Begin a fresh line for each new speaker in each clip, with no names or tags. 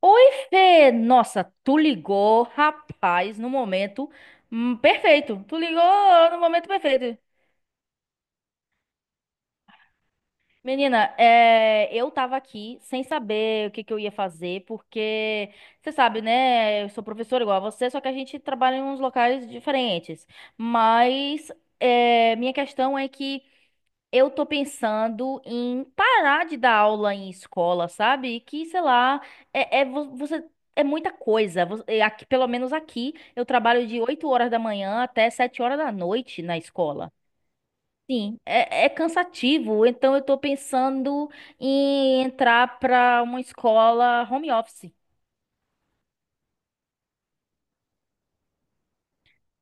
Oi, Fê! Nossa, tu ligou, rapaz, no momento perfeito. Tu ligou no momento perfeito. Menina, eu tava aqui sem saber o que que eu ia fazer, porque você sabe, né? Eu sou professora igual a você, só que a gente trabalha em uns locais diferentes. Mas minha questão é que. Eu tô pensando em parar de dar aula em escola, sabe? Que, sei lá, você é muita coisa. Aqui, pelo menos aqui, eu trabalho de 8 horas da manhã até 7 horas da noite na escola. Sim, é cansativo. Então eu tô pensando em entrar pra uma escola home office.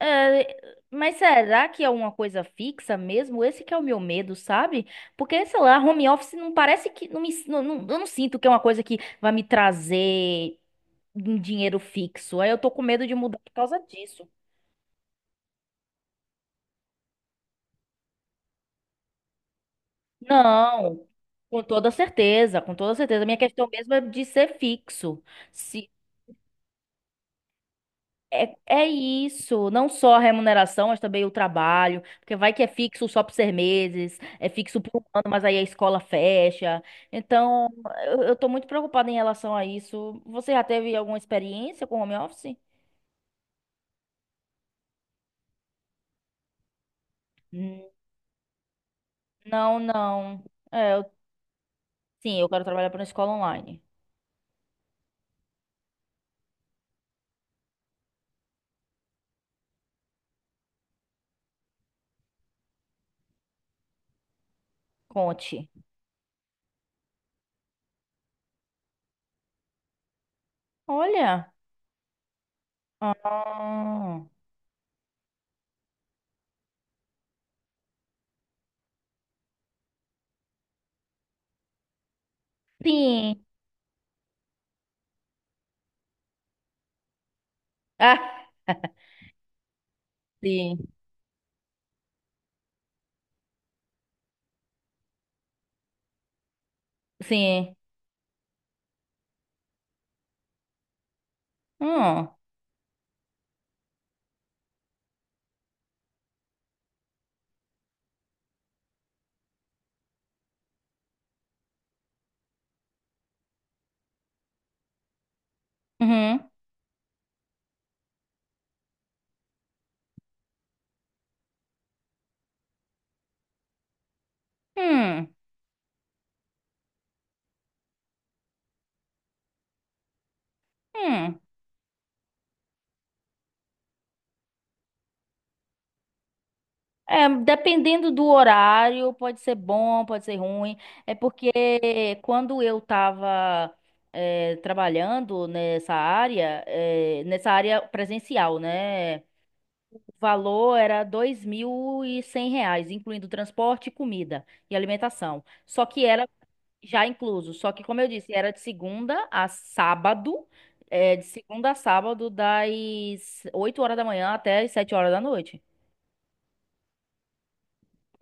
É, mas será que é uma coisa fixa mesmo? Esse que é o meu medo, sabe? Porque, sei lá, home office não parece que. Não me, não, não- Eu não sinto que é uma coisa que vai me trazer um dinheiro fixo. Aí eu tô com medo de mudar por causa disso. Não, com toda certeza, com toda certeza. Minha questão mesmo é de ser fixo. Se É, é isso, não só a remuneração, mas também o trabalho, porque vai que é fixo só por 6 meses, é fixo por um ano, mas aí a escola fecha. Então, eu tô muito preocupada em relação a isso. Você já teve alguma experiência com home office? Hum, Não, não. É, eu- sim, eu quero trabalhar para uma escola online. Conte. Olha. Ah, sim. Ah, sim, sim. Hum, uhum, hum, hum. É, dependendo do horário, pode ser bom, pode ser ruim. É porque quando eu estava trabalhando nessa área presencial, né? O valor era 2.100 reais, incluindo transporte, comida e alimentação. Só que era já incluso. Só que, como eu disse, era de segunda a sábado. De segunda a sábado, das 8 horas da manhã até as 7 horas da noite.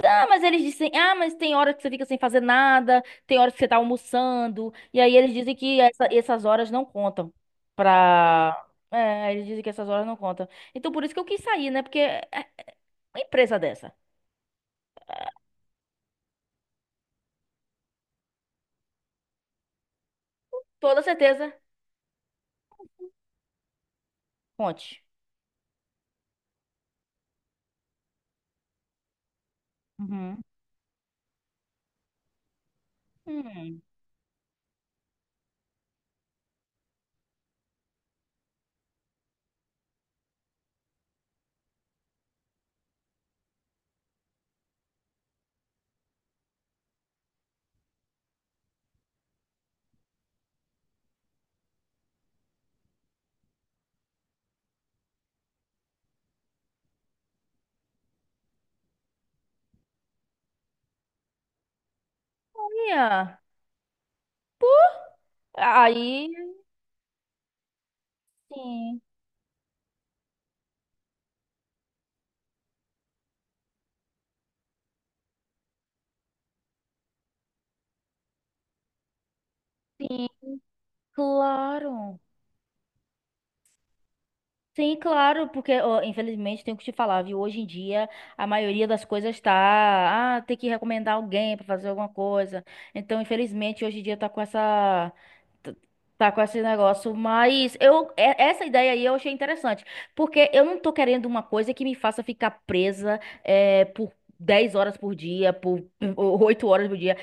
Ah, mas eles dizem, ah, mas tem hora que você fica sem fazer nada, tem hora que você tá almoçando, e aí eles dizem que essas horas não contam pra... É, eles dizem que essas horas não contam. Então por isso que eu quis sair, né? Porque é uma empresa dessa. Toda certeza, conte. Uhum. Hum. Olha, aí, sim, sim, claro. Sim, claro, porque ó, infelizmente tenho que te falar, viu? Hoje em dia a maioria das coisas tá, tem que recomendar alguém pra fazer alguma coisa. Então, infelizmente hoje em dia tá com essa tá tá com esse negócio, mas essa ideia aí eu achei interessante, porque eu não tô querendo uma coisa que me faça ficar presa por 10 horas por dia, por 8 horas por dia.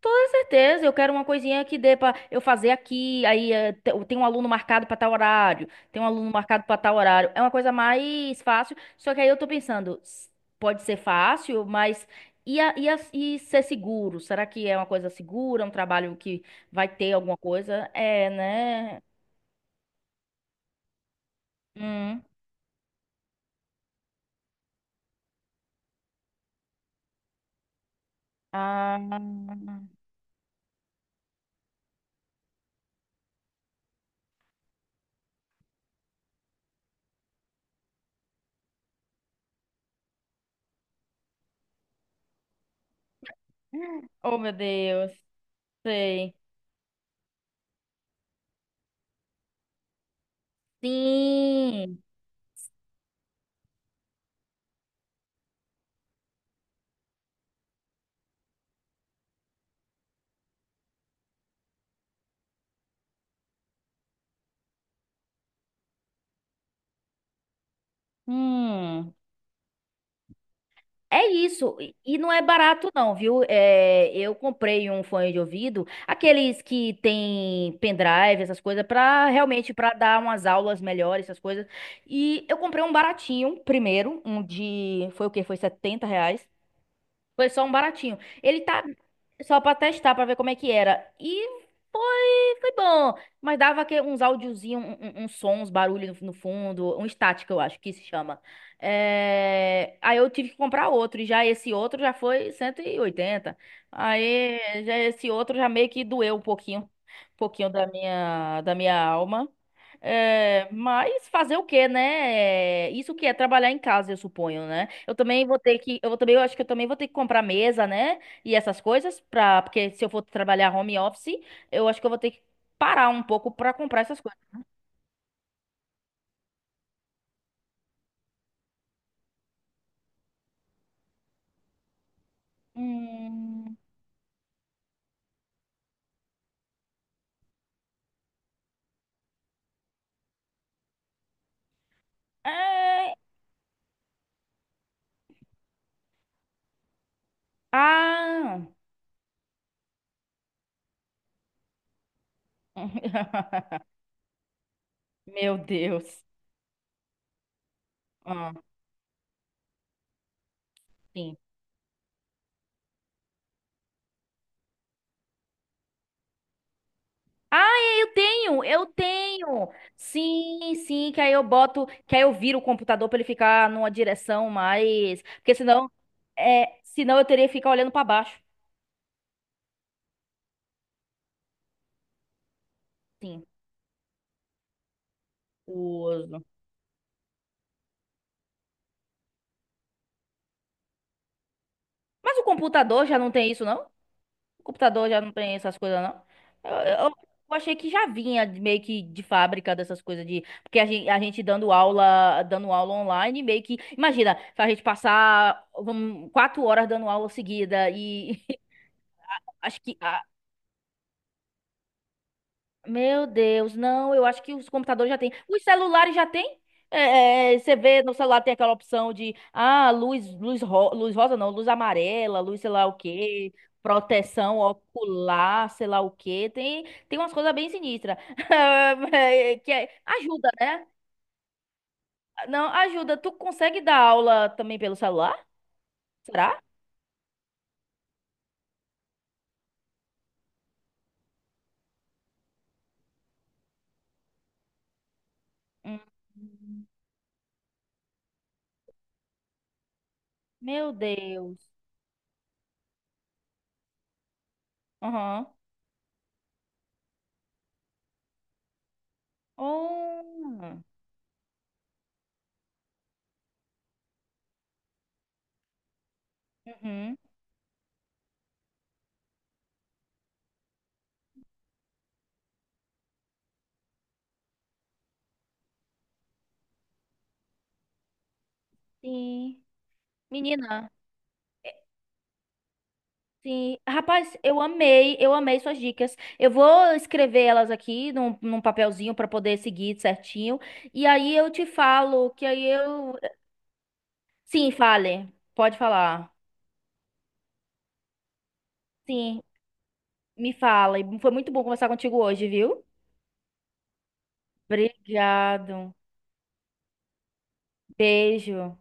Toda certeza, eu quero uma coisinha que dê pra eu fazer aqui, aí tem um aluno marcado pra tal horário, tem um aluno marcado pra tal horário. É uma coisa mais fácil, só que aí eu tô pensando, pode ser fácil, mas e ser seguro? Será que é uma coisa segura, um trabalho que vai ter alguma coisa? É, né? Hum. Ah. Oh, meu Deus. Sei. Sim. Hum. É isso, e não é barato não, viu? É, eu comprei um fone de ouvido, aqueles que tem pendrive, essas coisas, pra realmente para dar umas aulas melhores, essas coisas. E eu comprei um baratinho primeiro, um de, foi o quê? Foi 70 reais. Foi só um baratinho. Ele tá só pra testar, pra ver como é que era. E foi bom. Mas dava que uns áudiozinhos, uns sons, uns barulhos no fundo, um estático, eu acho que se chama. É, aí eu tive que comprar outro, e já esse outro já foi 180. Aí já esse outro já meio que doeu um pouquinho da minha alma. É, mas fazer o quê, né? É, isso que é trabalhar em casa, eu suponho, né? Eu acho que eu também vou ter que comprar mesa, né? E essas coisas para porque se eu for trabalhar home office, eu acho que eu vou ter que parar um pouco para comprar essas coisas. Hum, é, ah, meu Deus. Ah, sim. Ah, eu tenho, eu tenho. Sim, sim, que aí eu boto, que aí eu viro o computador pra ele ficar numa direção mais, porque senão, senão eu teria que ficar olhando pra baixo. Sim, os- mas o computador já não tem isso, não? O computador já não tem essas coisas, não? Eu, eu achei que já vinha meio que de fábrica dessas coisas de, porque a gente dando aula online, meio que, imagina, a gente passar, vamos, 4 horas dando aula seguida e acho que a- Meu Deus, não, eu acho que os computadores já têm. Os celulares já têm? É, você vê no celular tem aquela opção de, luz, luz, luz rosa não, luz amarela, luz sei lá o quê, proteção ocular, sei lá o quê. Tem umas coisas bem sinistras. É, ajuda, né? Não, ajuda. Tu consegue dar aula também pelo celular? Será? Hum, meu Deus. Aham. Oh. Uhum. Sim. Menina. Sim, rapaz, eu amei suas dicas. Eu vou escrever elas aqui num papelzinho para poder seguir certinho. E aí eu te falo que aí eu. Sim, fale. Pode falar. Sim, me fala. E foi muito bom conversar contigo hoje, viu? Obrigado. Beijo.